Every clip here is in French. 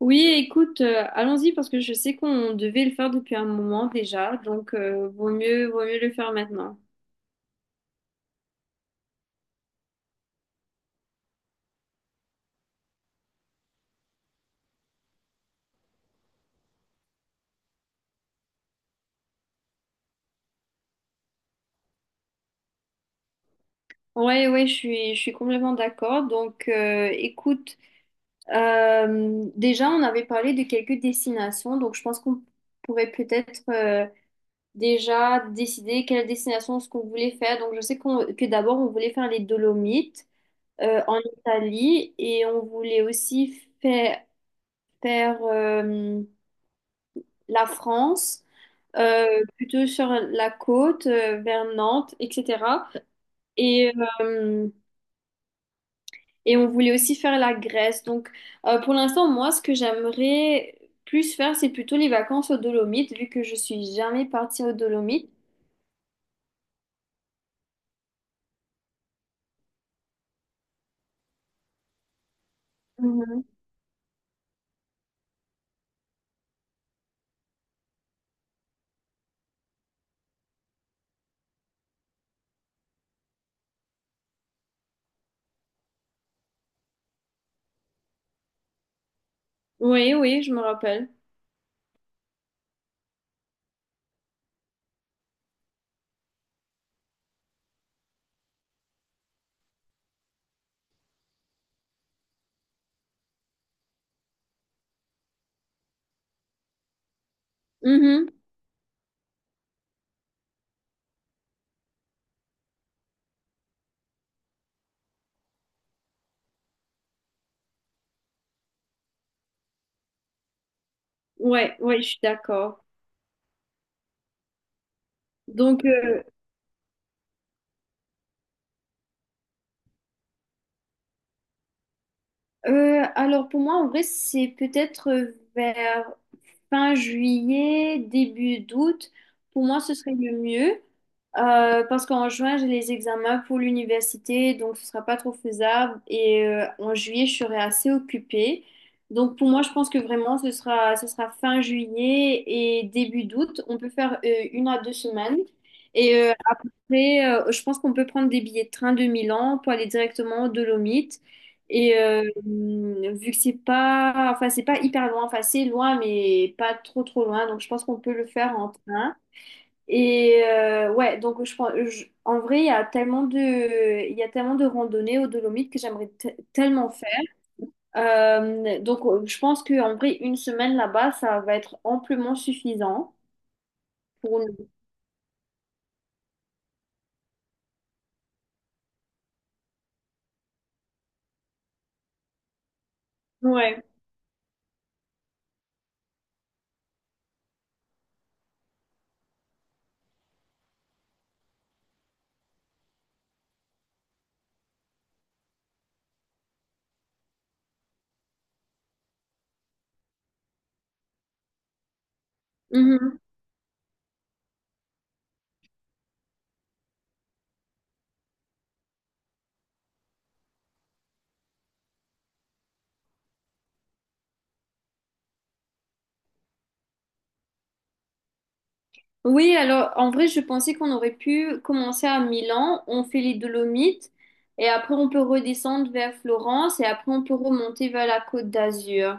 Oui, écoute, allons-y parce que je sais qu'on devait le faire depuis un moment déjà, donc vaut mieux le faire maintenant. Ouais, ouais, je suis complètement d'accord. Donc, écoute, déjà, on avait parlé de quelques destinations, donc je pense qu'on pourrait peut-être déjà décider quelle destination ce qu'on voulait faire. Donc, je sais que d'abord, on voulait faire les Dolomites en Italie et on voulait aussi faire la France. euh, plutôt sur la côte, vers Nantes, etc. Et, euh, et on voulait aussi faire la Grèce. Donc, pour l'instant, moi, ce que j'aimerais plus faire, c'est plutôt les vacances aux Dolomites, vu que je suis jamais partie aux Dolomites. Mhm. Oui, oui, je me rappelle. Mhm. Ouais, ouais, je suis d'accord. Donc, alors pour moi, en vrai, c'est peut-être vers fin juillet, début d'août. Pour moi, ce serait le mieux parce qu'en juin, j'ai les examens pour l'université, donc ce sera pas trop faisable. Et en juillet, je serai assez occupée. Donc pour moi, je pense que vraiment, ce sera fin juillet et début d'août. On peut faire 1 à 2 semaines. Et après, je pense qu'on peut prendre des billets de train de Milan pour aller directement aux Dolomites. Et vu que c'est pas, enfin c'est pas hyper loin, enfin c'est loin mais pas trop trop loin, donc je pense qu'on peut le faire en train. Et ouais, donc en vrai il y a tellement de, il y a tellement de randonnées aux Dolomites que j'aimerais tellement faire. Donc, je pense qu'en vrai une semaine là-bas ça va être amplement suffisant pour nous. Ouais. Oui, alors en vrai, je pensais qu'on aurait pu commencer à Milan, on fait les Dolomites et après on peut redescendre vers Florence et après on peut remonter vers la Côte d'Azur.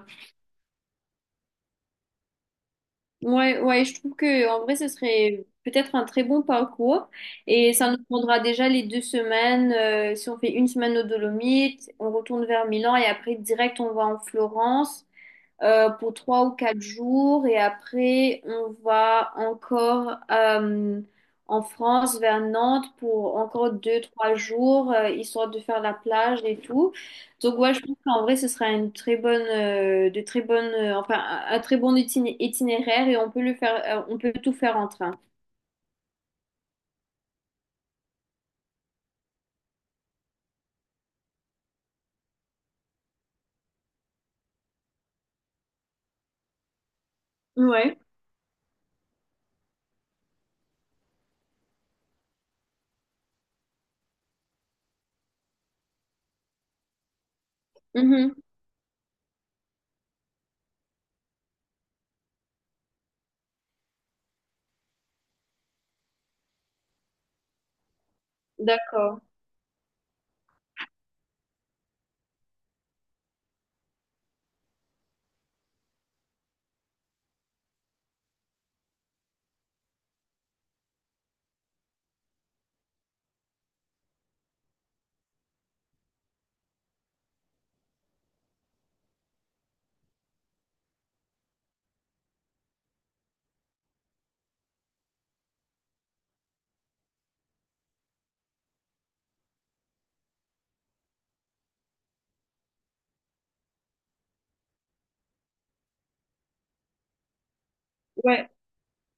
Ouais, ouais, je trouve que en vrai, ce serait peut-être un très bon parcours et ça nous prendra déjà les 2 semaines. Si on fait une semaine aux Dolomites, on retourne vers Milan et après direct on va en Florence pour 3 ou 4 jours. Et après, on va encore en France, vers Nantes, pour encore 2, 3 jours, histoire de faire la plage et tout. Donc, ouais, je pense qu'en vrai, ce sera une très bonne, de très bonne, enfin, un très bon itinéraire et on peut le faire, on peut tout faire en train. Ouais. Mhm. D'accord. Ouais.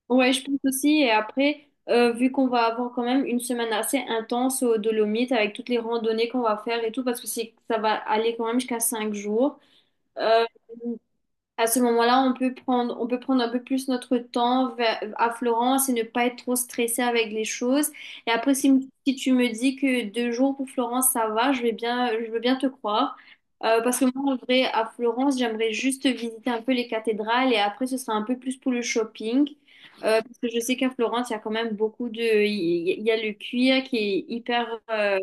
Ouais, je pense aussi. Et après, vu qu'on va avoir quand même une semaine assez intense aux Dolomites avec toutes les randonnées qu'on va faire et tout, parce que ça va aller quand même jusqu'à 5 jours. Euh, à ce moment-là, on peut prendre un peu plus notre temps à Florence et ne pas être trop stressé avec les choses. Et après, si tu me dis que 2 jours pour Florence, ça va, je vais bien, je veux bien te croire. Parce que moi, en vrai, à Florence, j'aimerais juste visiter un peu les cathédrales et après, ce sera un peu plus pour le shopping. Parce que je sais qu'à Florence, il y a quand même beaucoup de. Il y a le cuir qui est hyper... euh,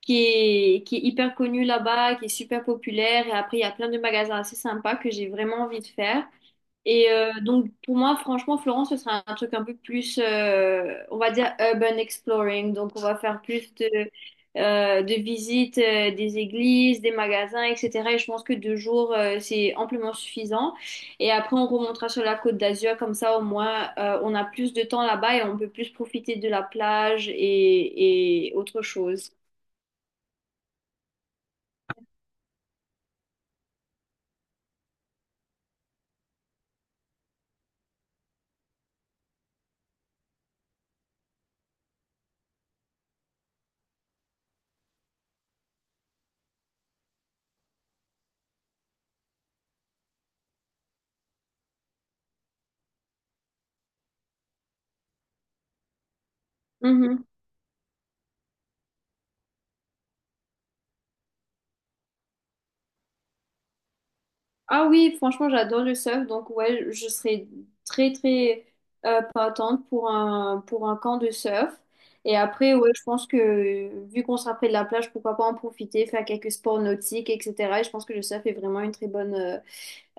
qui est, qui est hyper connu là-bas, qui est super populaire. Et après, il y a plein de magasins assez sympas que j'ai vraiment envie de faire. Et donc, pour moi, franchement, Florence, ce sera un truc un peu plus, on va dire, urban exploring. Donc, on va faire plus de visites des églises, des magasins, etc. Et je pense que 2 jours, c'est amplement suffisant. Et après, on remontera sur la Côte d'Azur. Comme ça, au moins, on a plus de temps là-bas et on peut plus profiter de la plage et autre chose. Mm-hmm. Ah oui, franchement, j'adore le surf, donc ouais, je serais très très partante pour un camp de surf. Et après, ouais, je pense que vu qu'on sera près de la plage, pourquoi pas en profiter, faire quelques sports nautiques, etc. Et je pense que le surf est vraiment une très bonne euh,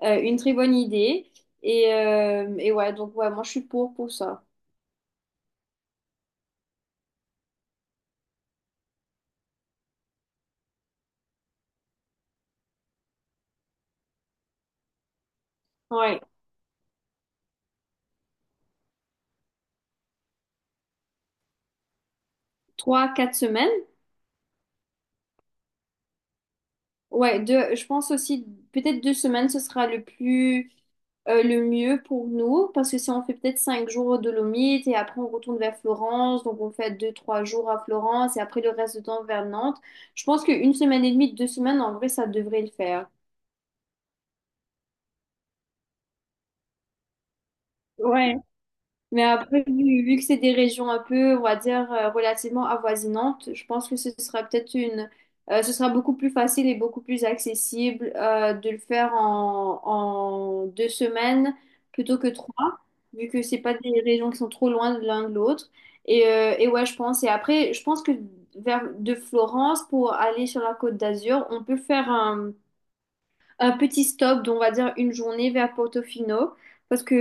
euh, une très bonne idée. Et, ouais, donc ouais, moi je suis pour ça. Ouais, 3-4 semaines. Ouais, deux, je pense aussi peut-être 2 semaines, ce sera le mieux pour nous, parce que si on fait peut-être 5 jours aux Dolomites et après on retourne vers Florence, donc on fait 2, 3 jours à Florence et après le reste du temps vers Nantes, je pense qu'une semaine et demie, deux semaines, en vrai, ça devrait le faire. Ouais. Mais après, vu que c'est des régions un peu, on va dire, relativement avoisinantes, je pense que ce sera beaucoup plus facile et beaucoup plus accessible de le faire en 2 semaines plutôt que trois, vu que c'est pas des régions qui sont trop loin de l'un de l'autre. Et, ouais, je pense. Et après, je pense que vers de Florence pour aller sur la Côte d'Azur, on peut faire un petit stop d'on va dire une journée vers Portofino parce que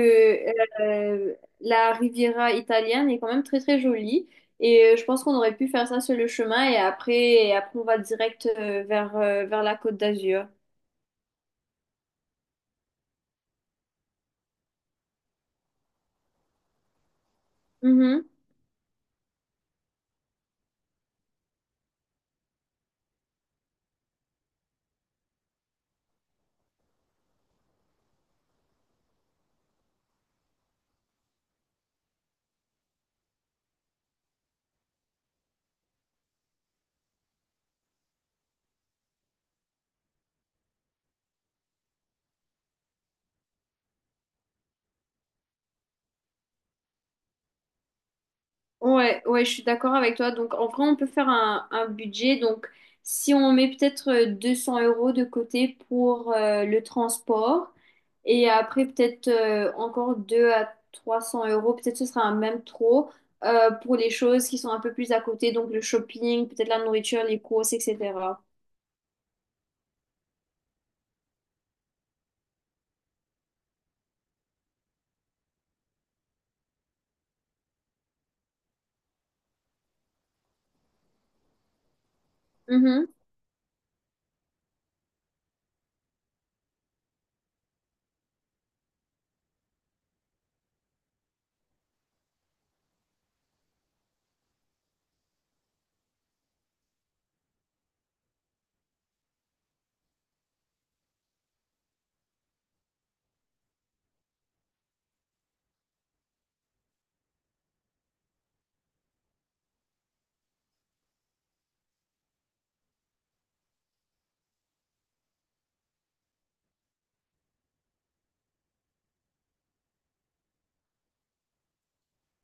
euh, la Riviera italienne est quand même très très jolie et je pense qu'on aurait pu faire ça sur le chemin et après, on va direct vers la Côte d'Azur. Mhm. Ouais, ouais, je suis d'accord avec toi. Donc, en vrai, on peut faire un budget. Donc, si on met peut-être 200 € de côté pour le transport et après peut-être encore 2 à 300 euros, peut-être ce sera un même trop pour les choses qui sont un peu plus à côté, donc le shopping, peut-être la nourriture, les courses, etc. Mhm.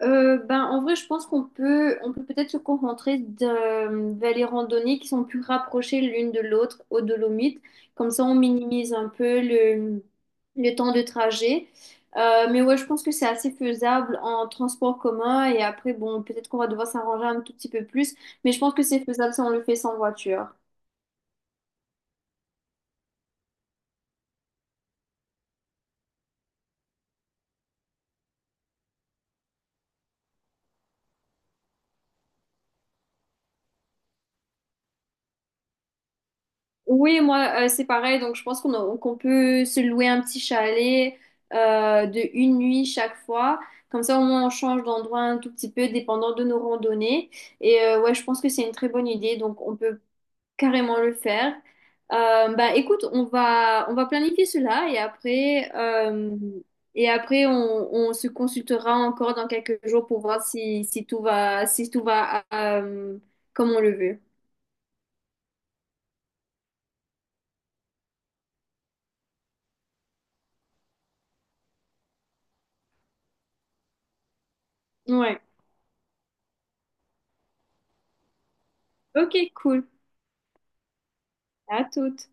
Ben, en vrai, je pense qu'on peut peut-être se concentrer vers les randonnées qui sont plus rapprochées l'une de l'autre aux Dolomites. Comme ça, on minimise un peu le temps de trajet. Mais ouais, je pense que c'est assez faisable en transport commun. Et après, bon, peut-être qu'on va devoir s'arranger un tout petit peu plus. Mais je pense que c'est faisable si on le fait sans voiture. Oui, moi, c'est pareil. Donc, je pense qu'on peut se louer un petit chalet de une nuit chaque fois. Comme ça, au moins, on change d'endroit un tout petit peu, dépendant de nos randonnées. Et ouais, je pense que c'est une très bonne idée. Donc, on peut carrément le faire. Bah, écoute, on va planifier cela et après, on se consultera encore dans quelques jours pour voir si tout va, comme on le veut. Ouais. Ok, cool. À toutes.